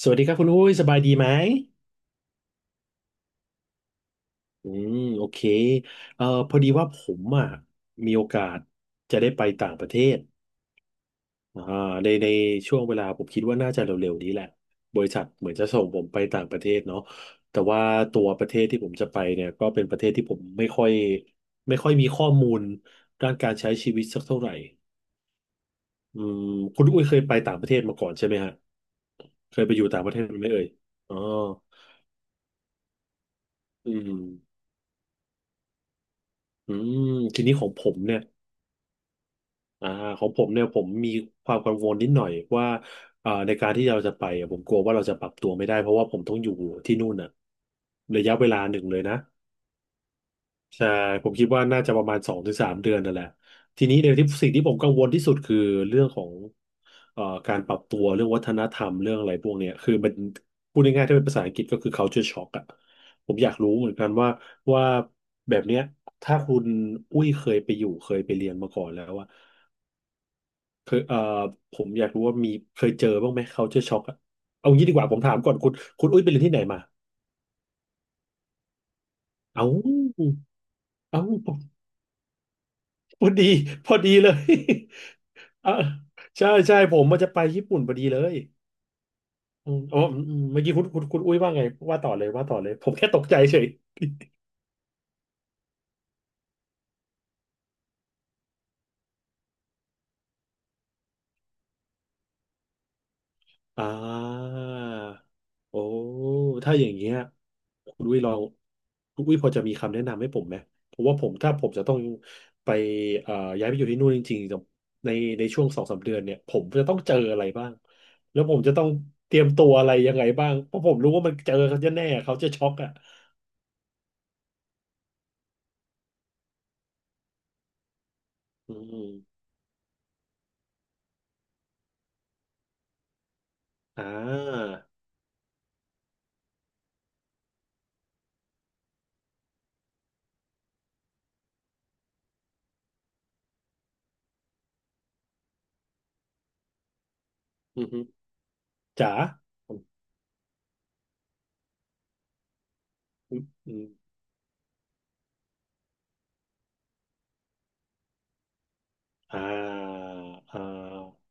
สวัสดีครับคุณอุ้ยสบายดีไหมอืมโอเคพอดีว่าผมอ่ะมีโอกาสจะได้ไปต่างประเทศอ่าในช่วงเวลาผมคิดว่าน่าจะเร็วๆนี้แหละบริษัทเหมือนจะส่งผมไปต่างประเทศเนาะแต่ว่าตัวประเทศที่ผมจะไปเนี่ยก็เป็นประเทศที่ผมไม่ค่อยมีข้อมูลด้านการใช้ชีวิตสักเท่าไหร่อืมคุณอุ้ยเคยไปต่างประเทศมาก่อนใช่ไหมฮะเคยไปอยู่ต่างประเทศไหมเอ่ยอ๋ออืมอืมทีนี้ของผมเนี่ย อ่าของผมเนี่ยผมมีความกังวลนิดหน่อยว่าในการที่เราจะไปอะผมกลัวว่าเราจะปรับตัวไม่ได้เพราะว่าผมต้องอยู่ที่นู่นน่ะระยะเวลาหนึ่งเลยนะใช่ผมคิดว่าน่าจะประมาณสองถึงสามเดือนนั่นแหละทีนี้ในที่สิ่งที่ผมกังวลที่สุดคือเรื่องของการปรับตัวเรื่องวัฒนธรรมเรื่องอะไรพวกเนี้ยคือมันพูดง่ายๆถ้าเป็นภาษาอังกฤษก็คือ culture shock อะผมอยากรู้เหมือนกันว่าแบบเนี้ยถ้าคุณอุ้ยเคยไปเรียนมาก่อนแล้วว่า เคยเอ่อผมอยากรู้ว่ามีเคยเจอบ้างไหม culture shock อะเอางี้ดีกว่าผมถามก่อนคุณอุ้ยไปเรียนที่ไหนมาเอ้าเอ้าพอดีพอดีเลย อ่ะใช่ใช่ผมมันจะไปญี่ปุ่นพอดีเลยอืมอ๋ออืมอืมเมื่อกี้คุณอุ้ยว่าไงว่าต่อเลยผมแค่ตกใจเฉย อ่าโอ้ถ้าอย่างเงี้ยคุณวิลองคุณวิพอจะมีคำแนะนำให้ผมไหมเพราะว่าถ้าผมจะต้องไปเอ่อย้ายไปอยู่ที่นู่นจริงๆในในช่วงสองสามเดือนเนี่ยผมจะต้องเจออะไรบ้างแล้วผมจะต้องเตรียมตัวอะไรยังไงบ้างเพราะผมรู้ว่ามันเจอเขาจะแน่ๆเขาจะช็อกอ่ะอืมอ่าอืมฮึจ๋าอืมอืมอืมอ่าอ่า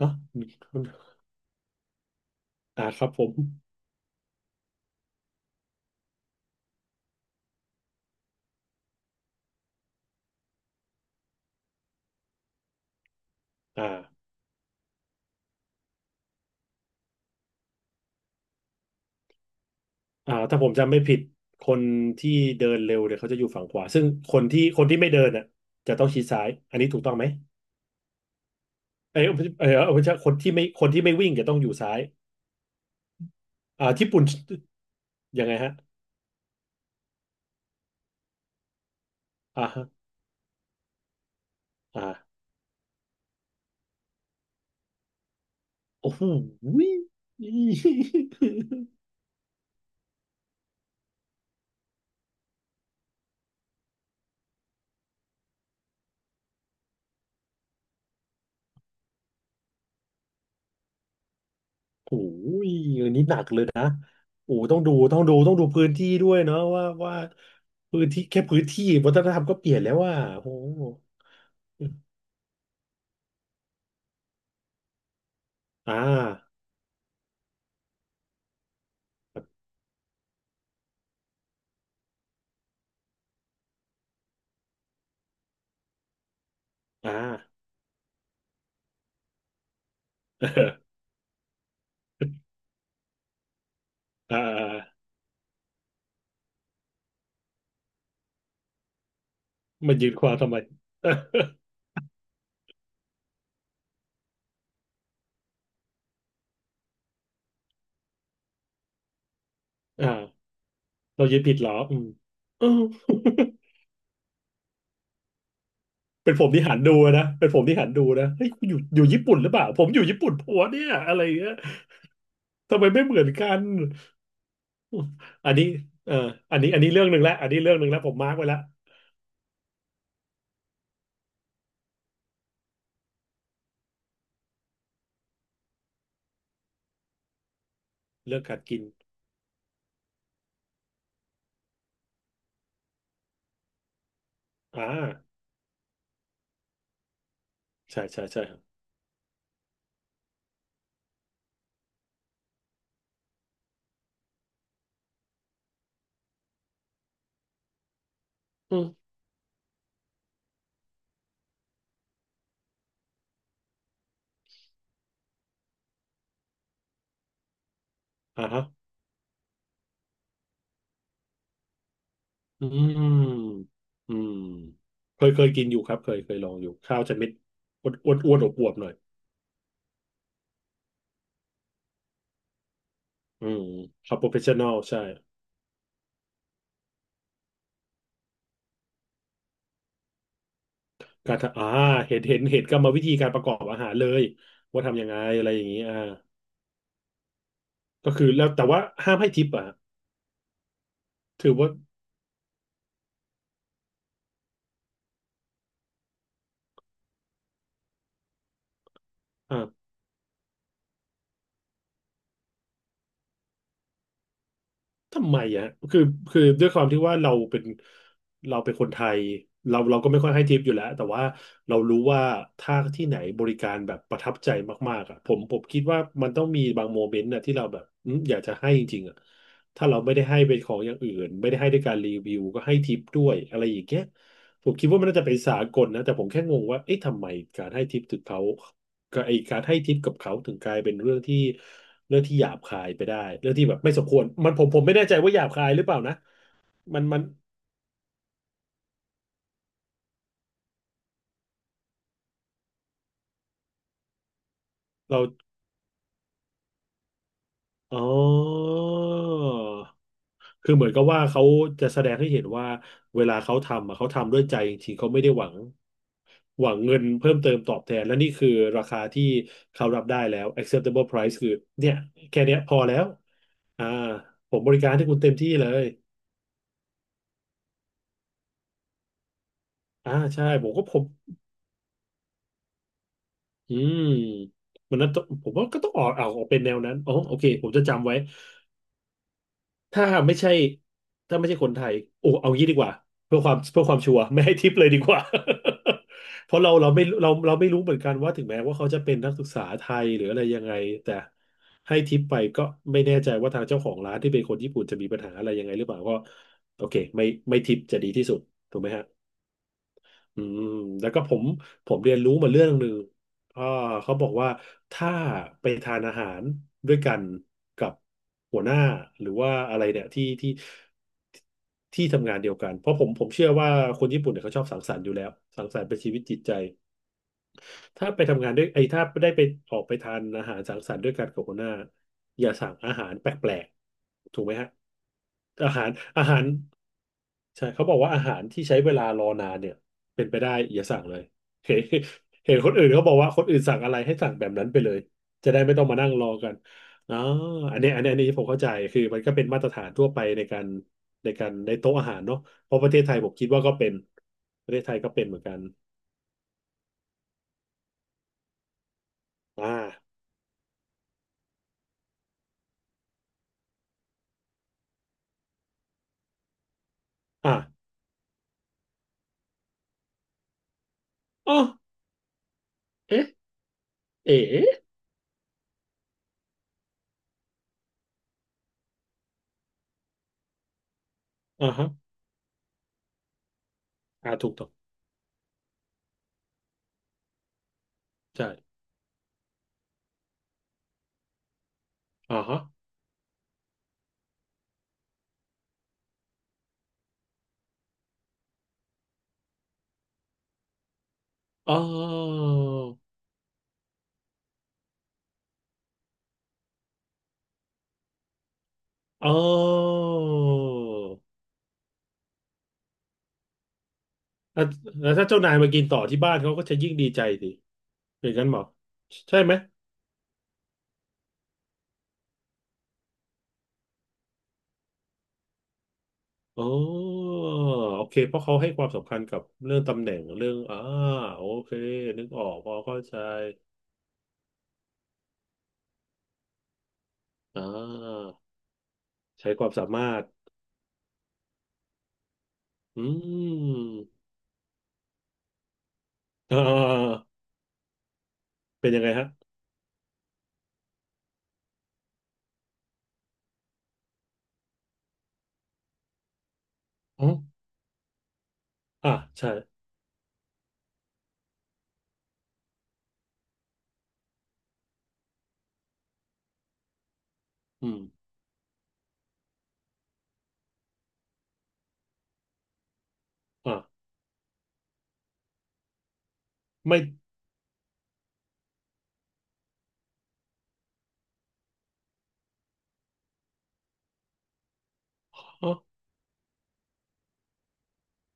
ฮะมีอ่าครับผมอ่า อ่าถ้าผมจำไม่ผิดคนที่เดินเร็วเนี่ยเขาจะอยู่ฝั่งขวาซึ่งคนที่ไม่เดินอ่ะจะต้องชี้ซ้ายอันนี้ถูกต้องไหมเอ้ยเออเอาไม่ใช่คนที่ไม่วิ่งจะต้องอยู่ซ้ายอ่าญี่ปุ่นยังไงฮะอ่าฮะอ่าโอ้โหยโอ้ยอันนี้หนักเลยนะโอ้ต้องดูพื้นที่ด้วยเนาะว่าพื้นที่แค่พื้นที่วัฒนธรรมก็เปลี่ยนแล้วว่าโอ้โหอ่าอ่า อ่า มันยืนขวางทำไม อ่าเรายืนผิดเหรออืม เออ เป็นผมที่หันดูนะเป็นผมที่หันดูนะเฮ้ยกูอยู่ญี่ปุ่นหรือเปล่าผมอยู่ญี่ปุ่นผัวเนี่ยอะไรเงี้ยทำไมไม่เหมือนกันอันนี้เอ่ออันนี้เรื่องหนึ่งแล้วอันนี้เรื่องหนึ่งแล้วผมมาร์กไว้แล้วเรื่องการกินอ่าใช่ใช่ใช่ครับอืมอ่าฮะอืมอืมเคยกินอยู่ครับเคยลองอยู่ข้าวจะเม็ดอ้วนอวบๆหน่อยอืมครับโปรเฟชชั่นอลใช่ การทำอ่าเห็นกรรมวิธีการประกอบอาหารเลยว่าทำยังไงอะไรอย่างนี้อ่าก็คือแล้วแต่ว่าห้ามให้ทิปอ่ะถือว่าอ่า ทำไมอ่ะคือคือด้วยความที่ว่าเราเป็นคนไทยเราก็ไม่ค่อยให้ทิปอยู่แล้วแต่ว่าเรารู้ว่าถ้าที่ไหนบริการแบบประทับใจมากๆอ่ะผมคิดว่ามันต้องมีบางโมเมนต์นะที่เราแบบอืมอยากจะให้จริงๆอ่ะถ้าเราไม่ได้ให้เป็นของอย่างอื่นไม่ได้ให้ด้วยการรีวิวก็ให้ทิปด้วยอะไรอย่างเงี้ยผมคิดว่ามันน่าจะเป็นสากลนะแต่ผมแค่งงว่าเอ๊ะทำไมการให้ทิปถึงเขา ก็ไอการให้ทิปกับเขาถึงกลายเป็นเรื่องที่หยาบคายไปได้เรื่องที่แบบไม่สมควรมันผมไม่แน่ใจว่าหยาบคายหรือเปล่านะมันมันเราอ๋อคือเหมือนกับว่าเขาจะแสดงให้เห็นว่าเวลาเขาทำอะเขาทำด้วยใจจริงๆเขาไม่ได้หวังเงินเพิ่มเติมตอบแทนและนี่คือราคาที่เขารับได้แล้ว acceptable price คือเนี่ยแค่เนี้ยพอแล้วอ่าผมบริการให้คุณเต็มที่เลยอ่าใช่ผม อืมมันนั้นต้องผมว่าก็ต้องออกเอาออกเป็นแนวนั้นอ๋อโอเคผมจะจำไว้ถ้าไม่ใช่ถ้าไม่ใช่คนไทยโอ้เอางี้ดีกว่าเพื่อความชัวร์ไม่ให้ทิปเลยดีกว่า เพราะเราไม่รู้เหมือนกันว่าถึงแม้ว่าเขาจะเป็นนักศึกษาไทยหรืออะไรยังไงแต่ให้ทิปไปก็ไม่แน่ใจว่าทางเจ้าของร้านที่เป็นคนญี่ปุ่นจะมีปัญหาอะไรยังไงหรือเปล่าก็โอเคไม่ทิปจะดีที่สุดถูกไหมฮะ อืมแล้วก็ผมเรียนรู้มาเรื่องหนึ่งอ่าเขาบอกว่าถ้าไปทานอาหารด้วยกันกับหัวหน้าหรือว่าอะไรเนี่ยที่ทำงานเดียวกันเพราะผมเชื่อว่าคนญี่ปุ่นเนี่ยเขาชอบสังสรรค์อยู่แล้วสังสรรค์เป็นชีวิตจิตใจ ถ้าไปทำงานด้วยไอ้ถ้าได้ไปออกไปทานอาหารสังสรรค์ด้วยกันกับหัวหน้าอย่าสั่งอาหารแปลกๆถูกไหมฮะอาหารอาหารใช่เขาบอกว่าอาหารที่ใช้เวลารอนานเนี่ยเป็นไปได้อย่าสั่งเลยเห็นเห็นคนอื่นเขาบอกว่าคนอื่นสั่งอะไรให้สั่งแบบนั้นไปเลยจะได้ไม่ต้องมานั่งรอกันอ๋ออันนี้ผมเข้าใจคือมันก็เป็นมาตรฐานทั่วไปในการในโต๊ะอาหารเนาะเพราะประเทศไทยผมคิดว่าก็เป็นประเทศไทยก็เป็นเหมือนกันอ่าอ่าอ๋อ เอ๊ะเอ๋อ่าฮะอ่าถูกต้องใช่อ่าฮะอ๋ออ๋อแล้วแล้วถ้าเจ้านายมากินต่อที่บ้านเขาก็จะยิ่งดีใจสิอย่างนั้นเหรอใช่ไหมอ๋อโอเคเพราะเขาให้ความสำคัญกับเรื่องตำแหน่งเรื่องโอเคนึกออกพอเข้าใจอ่าใช้ความสามารถอืมอ่าเป็นยังไงฮะอ๋ออ่าใช่อืมอ่าไม่อ๋อ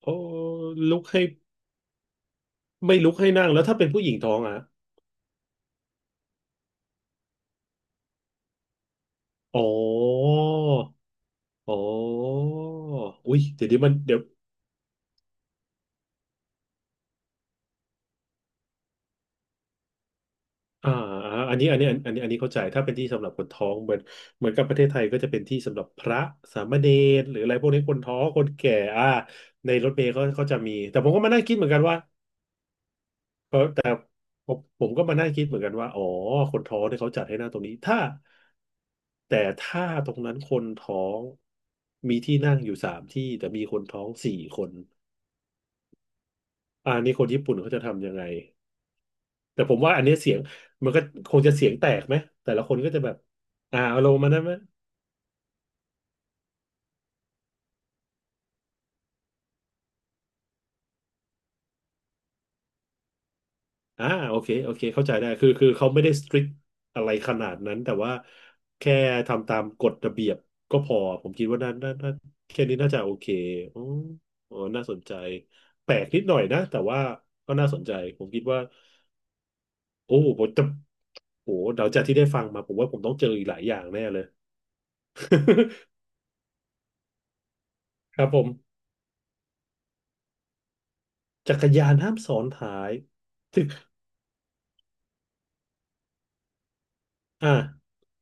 โอ้ลุกให้ไม่ลุกให้นั่งแล้วถ้าเป็นผู้หญิงท้องอ่ะอ๋ออ๋ออุ้ยเดี๋ยวนี้มันเดี๋ยวอ่าอ่าอันนี้เข้าใจถ้าเป็นที่สำหรับคนท้องเหมือนเหมือนกับประเทศไทยก็จะเป็นที่สำหรับพระสามเณรหรืออะไรพวกนี้คนท้องคนแก่อ่าในรถเมล์เขาเขาจะมีแต่ผมก็มานั่งคิดเหมือนกันว่า เพราะแต่ผมก็มานั่งคิดเหมือนกันว่าอ๋อคนท้องเนี่ยเขาจัดให้นั่งตรงนี้ถ้าแต่ถ้าตรงนั้นคนท้องมีที่นั่งอยู่สามที่แต่มีคนท้องสี่คนอ่านี่คนญี่ปุ่นเขาจะทำยังไงแต่ผมว่าอันเนี้ยเสียงมันก็คงจะเสียงแตกไหมแต่ละคนก็จะแบบอ่าเอาลงมาได้ไหม อ่าโอเคเข้าใจได้คือเขาไม่ได้ strict อะไรขนาดนั้นแต่ว่าแค่ทำตามกฎระเบียบก็พอผมคิดว่าน่าแค่นี้น่าจะโอเคอ๋ออ๋อน่าสนใจแปลกนิดหน่อยนะแต่ว่าก็น่าสนใจผมคิดว่าโอ้ผมจะโอ้เดาจากที่ได้ฟังมาผมว่าผมต้องเจออีกหลายอย่างแน่เลย ครับผมจักรยานห้ามซ้อนท้ายถึงอ่า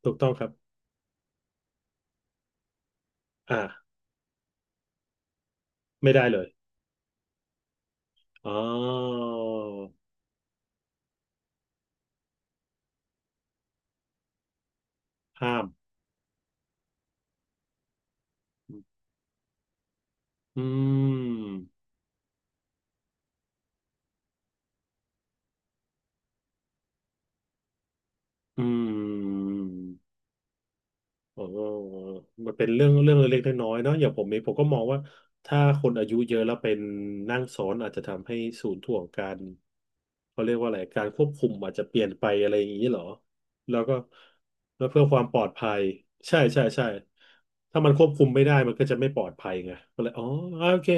ถูกต้องครับอ่าไม่ได้เลยอ๋อห้าม อืมอืมอ๋อมันเป็นเรื่องเล็กๆน้อยๆเนาะอย่างผมเองผมก็มองว่าถ้าคนอายุเยอะแล้วเป็นนั่งซ้อนอาจจะทำให้ศูนย์ถ่วงการเขาเรียกว่าอะไรการควบคุมอาจจะเปลี่ยนไปอะไรอย่างนี้เหรอ แล้วก็แล้วเพื่อความปลอดภัยใช่ถ้ามันควบคุมไม่ได้มันก็จะไม่ปลอดภัยไงก็เลยอ๋ออ่าโอเค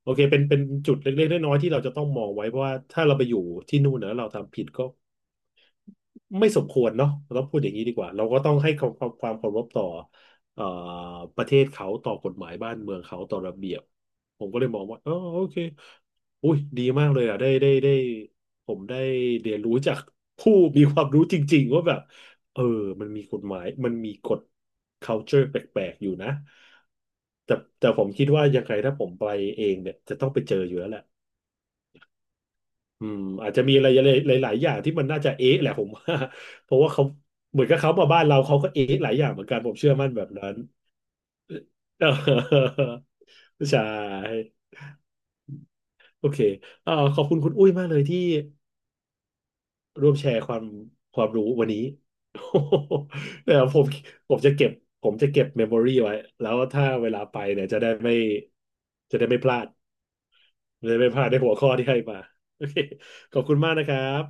เป็นจุดเล็กๆน้อยๆที่เราจะต้องมองไว้เพราะว่าถ้าเราไปอยู่ที่นู่นเนอะเราทำผิดก็ ไม่สมควรเนาะเราต้องพูดอย่างนี้ดีกว่าเราก็ต้องให้ความเคารพต่อเอ่อประเทศเขาต่อกฎหมายบ้านเมืองเขาต่อระเบียบผมก็เลยมองว่าอ๋อโอเคอุ้ยดีมากเลยอ่ะได้ผมได้เรียนรู้จากผู้มีความรู้จริงๆว่าแบบเออมันมีกฎหมายมันมีกฎ culture แปลกๆอยู่นะแต่แต่ผมคิดว่ายังไงถ้าผมไปเองเนี่ยจะต้องไปเจออยู่แล้วแหละ อืมอาจจะมีอะไรหลายๆอย่างที่มันน่าจะเอ๊ะแหละผมว่า เพราะว่าเขาเหมือนกับเขามาบ้านเราเขาก็เอ๊ะหลายอย่างเหมือนกันผมเชื่อมั่นแบบนั้น ใช่โอเคเอ่อขอบคุณคุณอุ้ยมากเลยที่ร่วมแชร์ความรู้วันนี้ เดี๋ยวผมจะเก็บผมจะเก็บเมมโมรี่ไว้แล้วถ้าเวลาไปเนี่ยจะได้ไม่พลาดจะได้ไม่พลาดในหัวข้อที่ให้มาโอเคขอบคุณมากนะครับ